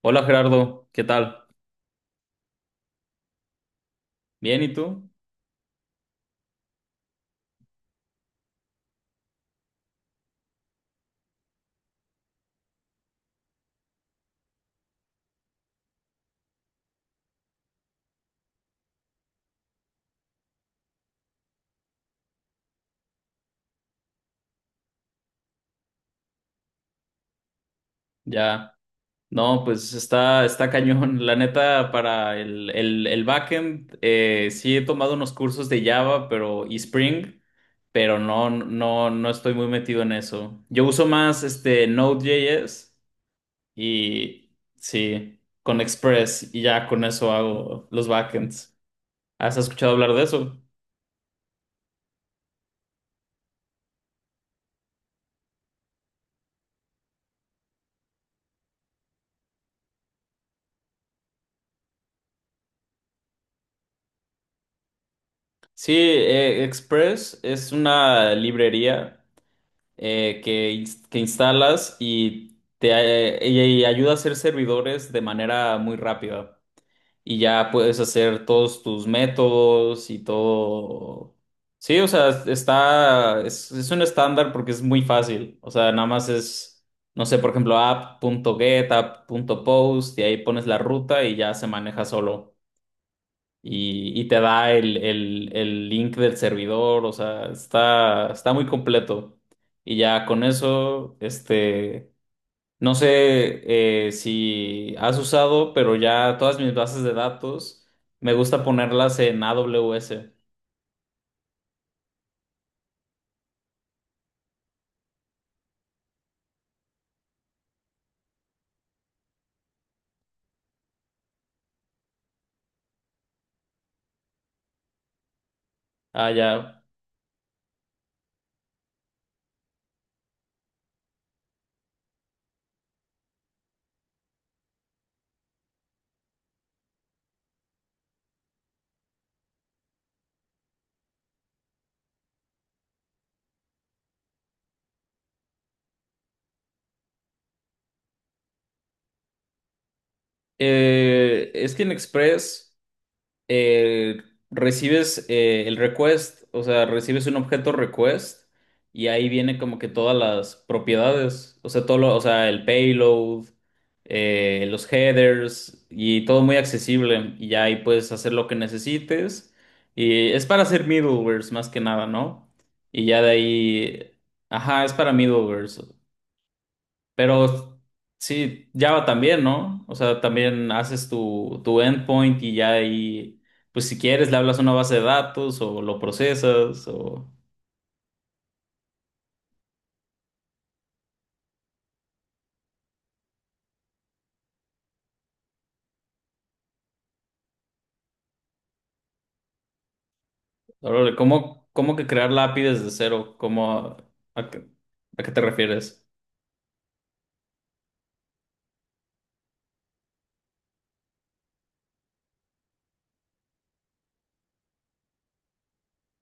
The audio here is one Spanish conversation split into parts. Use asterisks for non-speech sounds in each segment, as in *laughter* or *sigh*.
Hola Gerardo, ¿qué tal? Bien, ¿y tú? Ya. No, pues está cañón. La neta, para el backend, sí he tomado unos cursos de Java, pero y Spring, pero no estoy muy metido en eso. Yo uso más este Node.js y sí, con Express y ya con eso hago los backends. ¿Has escuchado hablar de eso? Sí, Express es una librería. Que instalas y te ayuda a hacer servidores de manera muy rápida. Y ya puedes hacer todos tus métodos y todo. Sí, o sea, es un estándar porque es muy fácil. O sea, nada más es, no sé, por ejemplo, app.get, app.post, y ahí pones la ruta y ya se maneja solo, y te da el link del servidor, o sea, está muy completo. Y ya con eso, este, no sé, si has usado, pero ya todas mis bases de datos me gusta ponerlas en AWS. Ah, ya. Es que en Express. eh, Recibes el request, o sea, recibes un objeto request y ahí viene como que todas las propiedades, o sea, el payload, los headers y todo muy accesible, y ya ahí puedes hacer lo que necesites, y es para hacer middlewares más que nada, ¿no? Y ya de ahí, ajá, es para middlewares. Pero sí, Java también, ¿no? O sea, también haces tu endpoint y ya ahí, pues si quieres, le hablas a una base de datos o lo procesas o... Órale, ¿cómo, cómo que crear la API desde cero? ¿Cómo, a, qué, a qué te refieres?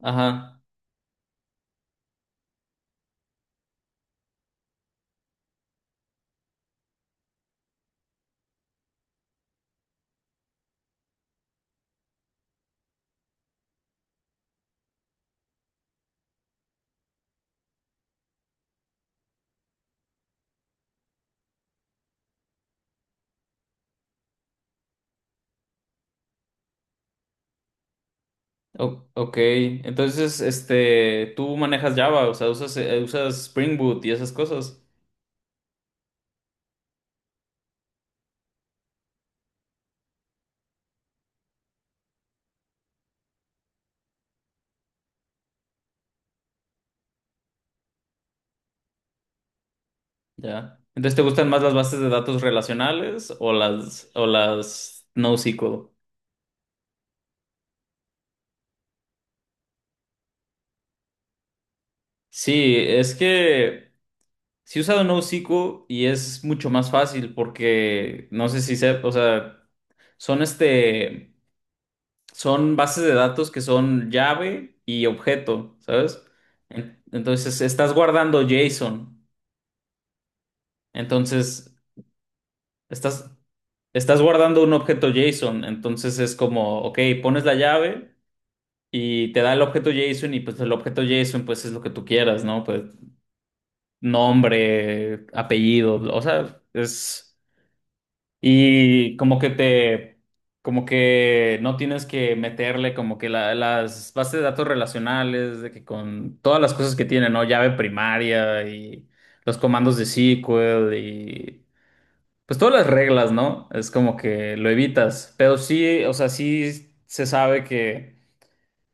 Ajá. O- ok. Entonces, este, tú manejas Java, o sea, usas, usas Spring Boot y esas cosas. Ya. Entonces, ¿te gustan más las bases de datos relacionales o las NoSQL? Sí, es que si he usado NoSQL y es mucho más fácil porque no sé si sé, o sea, son este, son bases de datos que son llave y objeto, ¿sabes? En- Entonces estás guardando JSON, entonces estás, estás guardando un objeto JSON. Entonces es como, ok, pones la llave y te da el objeto JSON, y pues el objeto JSON pues es lo que tú quieras, ¿no? Pues nombre, apellido, o sea, es... Y como que te, como que no tienes que meterle como que las bases de datos relacionales, de que con todas las cosas que tiene, ¿no? Llave primaria y los comandos de SQL y pues todas las reglas, ¿no? Es como que lo evitas. Pero sí, o sea, sí se sabe que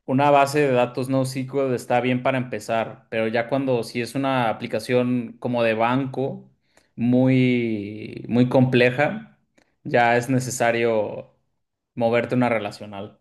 una base de datos NoSQL está bien para empezar, pero ya cuando si es una aplicación como de banco muy, muy compleja, ya es necesario moverte a una relacional.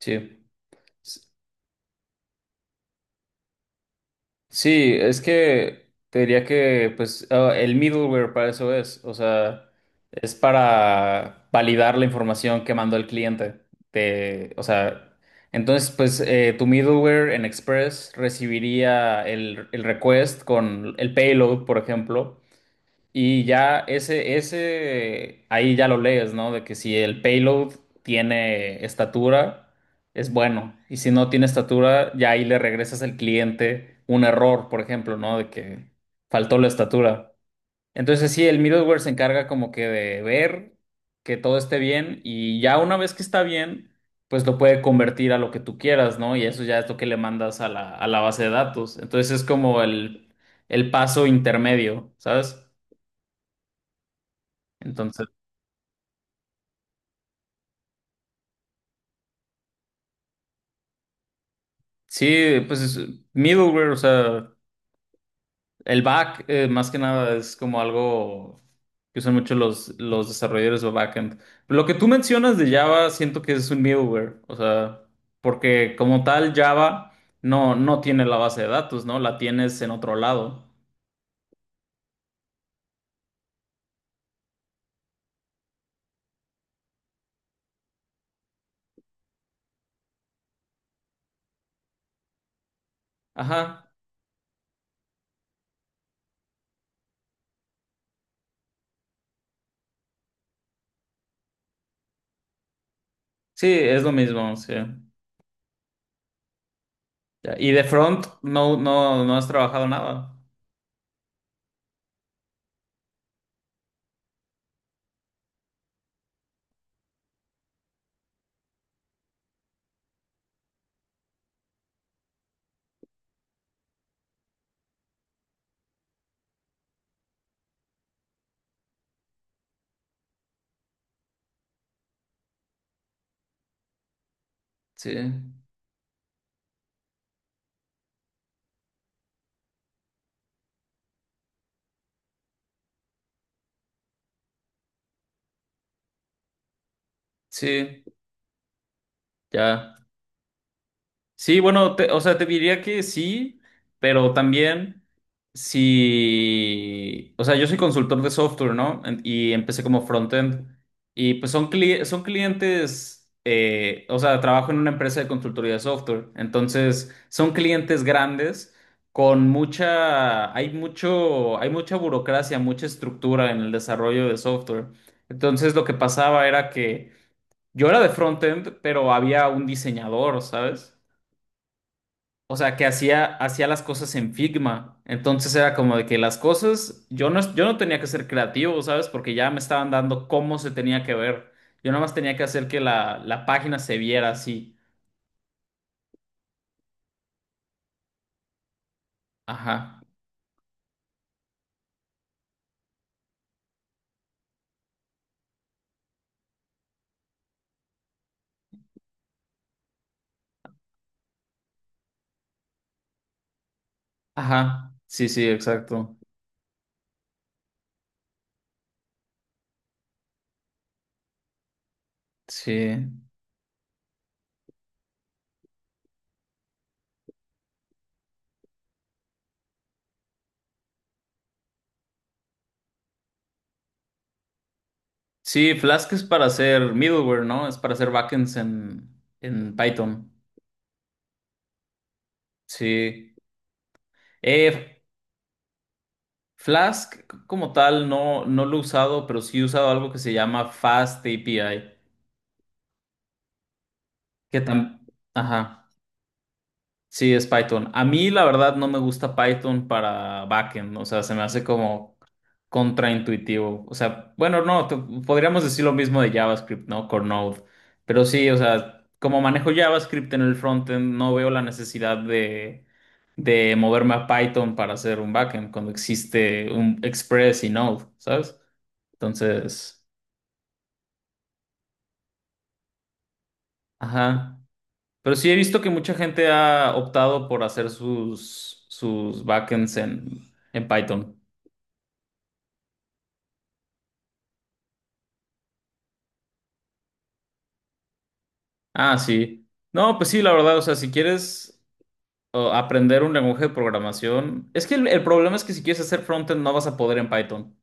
Sí. Sí, es que te diría que pues ah, el middleware para eso es, o sea, es para validar la información que mandó el cliente. De, o sea, entonces pues tu middleware en Express recibiría el request con el payload, por ejemplo, y ya ahí ya lo lees, ¿no? De que si el payload tiene estatura, es bueno. Y si no tiene estatura, ya ahí le regresas al cliente un error, por ejemplo, ¿no? De que faltó la estatura. Entonces sí, el middleware se encarga como que de ver que todo esté bien, y ya una vez que está bien, pues lo puede convertir a lo que tú quieras, ¿no? Y eso ya es lo que le mandas a la base de datos. Entonces es como el paso intermedio, ¿sabes? Entonces, sí, pues es middleware, o sea, el back más que nada es como algo que usan mucho los desarrolladores de backend. Lo que tú mencionas de Java, siento que es un middleware, o sea, porque como tal Java no tiene la base de datos, ¿no? La tienes en otro lado. Ajá, sí, es lo mismo, sí. Ya, y de front no, no has trabajado nada. Sí, sí, ya. Sí, bueno, te- o sea, te diría que sí, pero también si, o sea, yo soy consultor de software, ¿no? En- Y empecé como frontend. Y pues son, son clientes, o sea, trabajo en una empresa de consultoría de software. Entonces, son clientes grandes con mucha, hay mucho, hay mucha burocracia, mucha estructura en el desarrollo de software. Entonces, lo que pasaba era que yo era de frontend, pero había un diseñador, ¿sabes? O sea, que hacía las cosas en Figma. Entonces era como de que las cosas, yo no tenía que ser creativo, ¿sabes? Porque ya me estaban dando cómo se tenía que ver. Yo nada más tenía que hacer que la página se viera así. Ajá. Ajá. Sí, sí, exacto. Sí. Sí, Flask es para hacer middleware, ¿no? Es para hacer backends en Python. Sí. Eh, Flask como tal no, no lo he usado, pero sí he usado algo que se llama FastAPI. Que tam- Ajá. Sí, es Python. A mí, la verdad, no me gusta Python para backend. O sea, se me hace como contraintuitivo. O sea, bueno, no, te- podríamos decir lo mismo de JavaScript, ¿no? Con Node. Pero sí, o sea, como manejo JavaScript en el frontend, no veo la necesidad de moverme a Python para hacer un backend cuando existe un Express y Node, ¿sabes? Entonces, ajá. Pero sí he visto que mucha gente ha optado por hacer sus backends en Python. Ah, sí. No, pues sí, la verdad, o sea, si quieres aprender un lenguaje de programación, es que el problema es que si quieres hacer frontend no vas a poder en Python,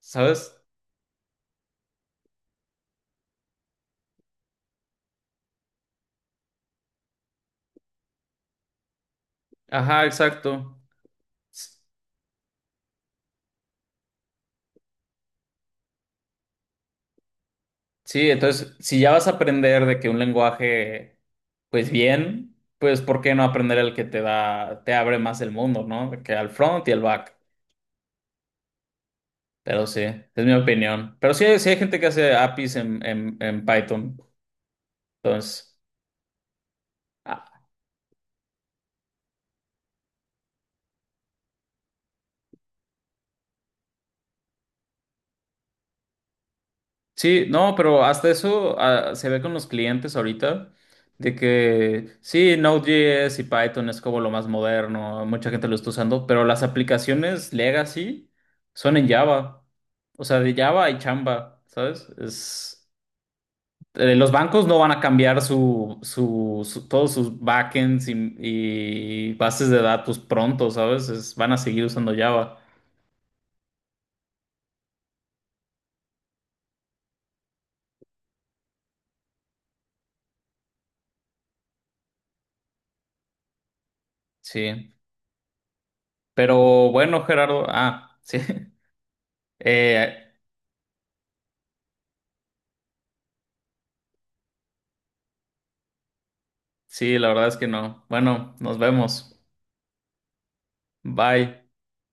¿sabes? Ajá, exacto. S- Sí, entonces, si ya vas a aprender de que un lenguaje, pues bien, pues ¿por qué no aprender el que te da, te abre más el mundo, ¿no? De que al front y al back. Pero sí, es mi opinión. Pero sí hay gente que hace APIs en, en Python. Entonces, ah, sí, no, pero hasta eso ah, se ve con los clientes ahorita, de que sí, Node.js y Python es como lo más moderno, mucha gente lo está usando, pero las aplicaciones legacy son en Java. O sea, de Java y Chamba, ¿sabes? Es... los bancos no van a cambiar todos sus backends y bases de datos pronto, ¿sabes? Es- van a seguir usando Java. Sí. Pero bueno, Gerardo. Ah, sí. *laughs* Eh, sí, la verdad es que no. Bueno, nos vemos. Bye.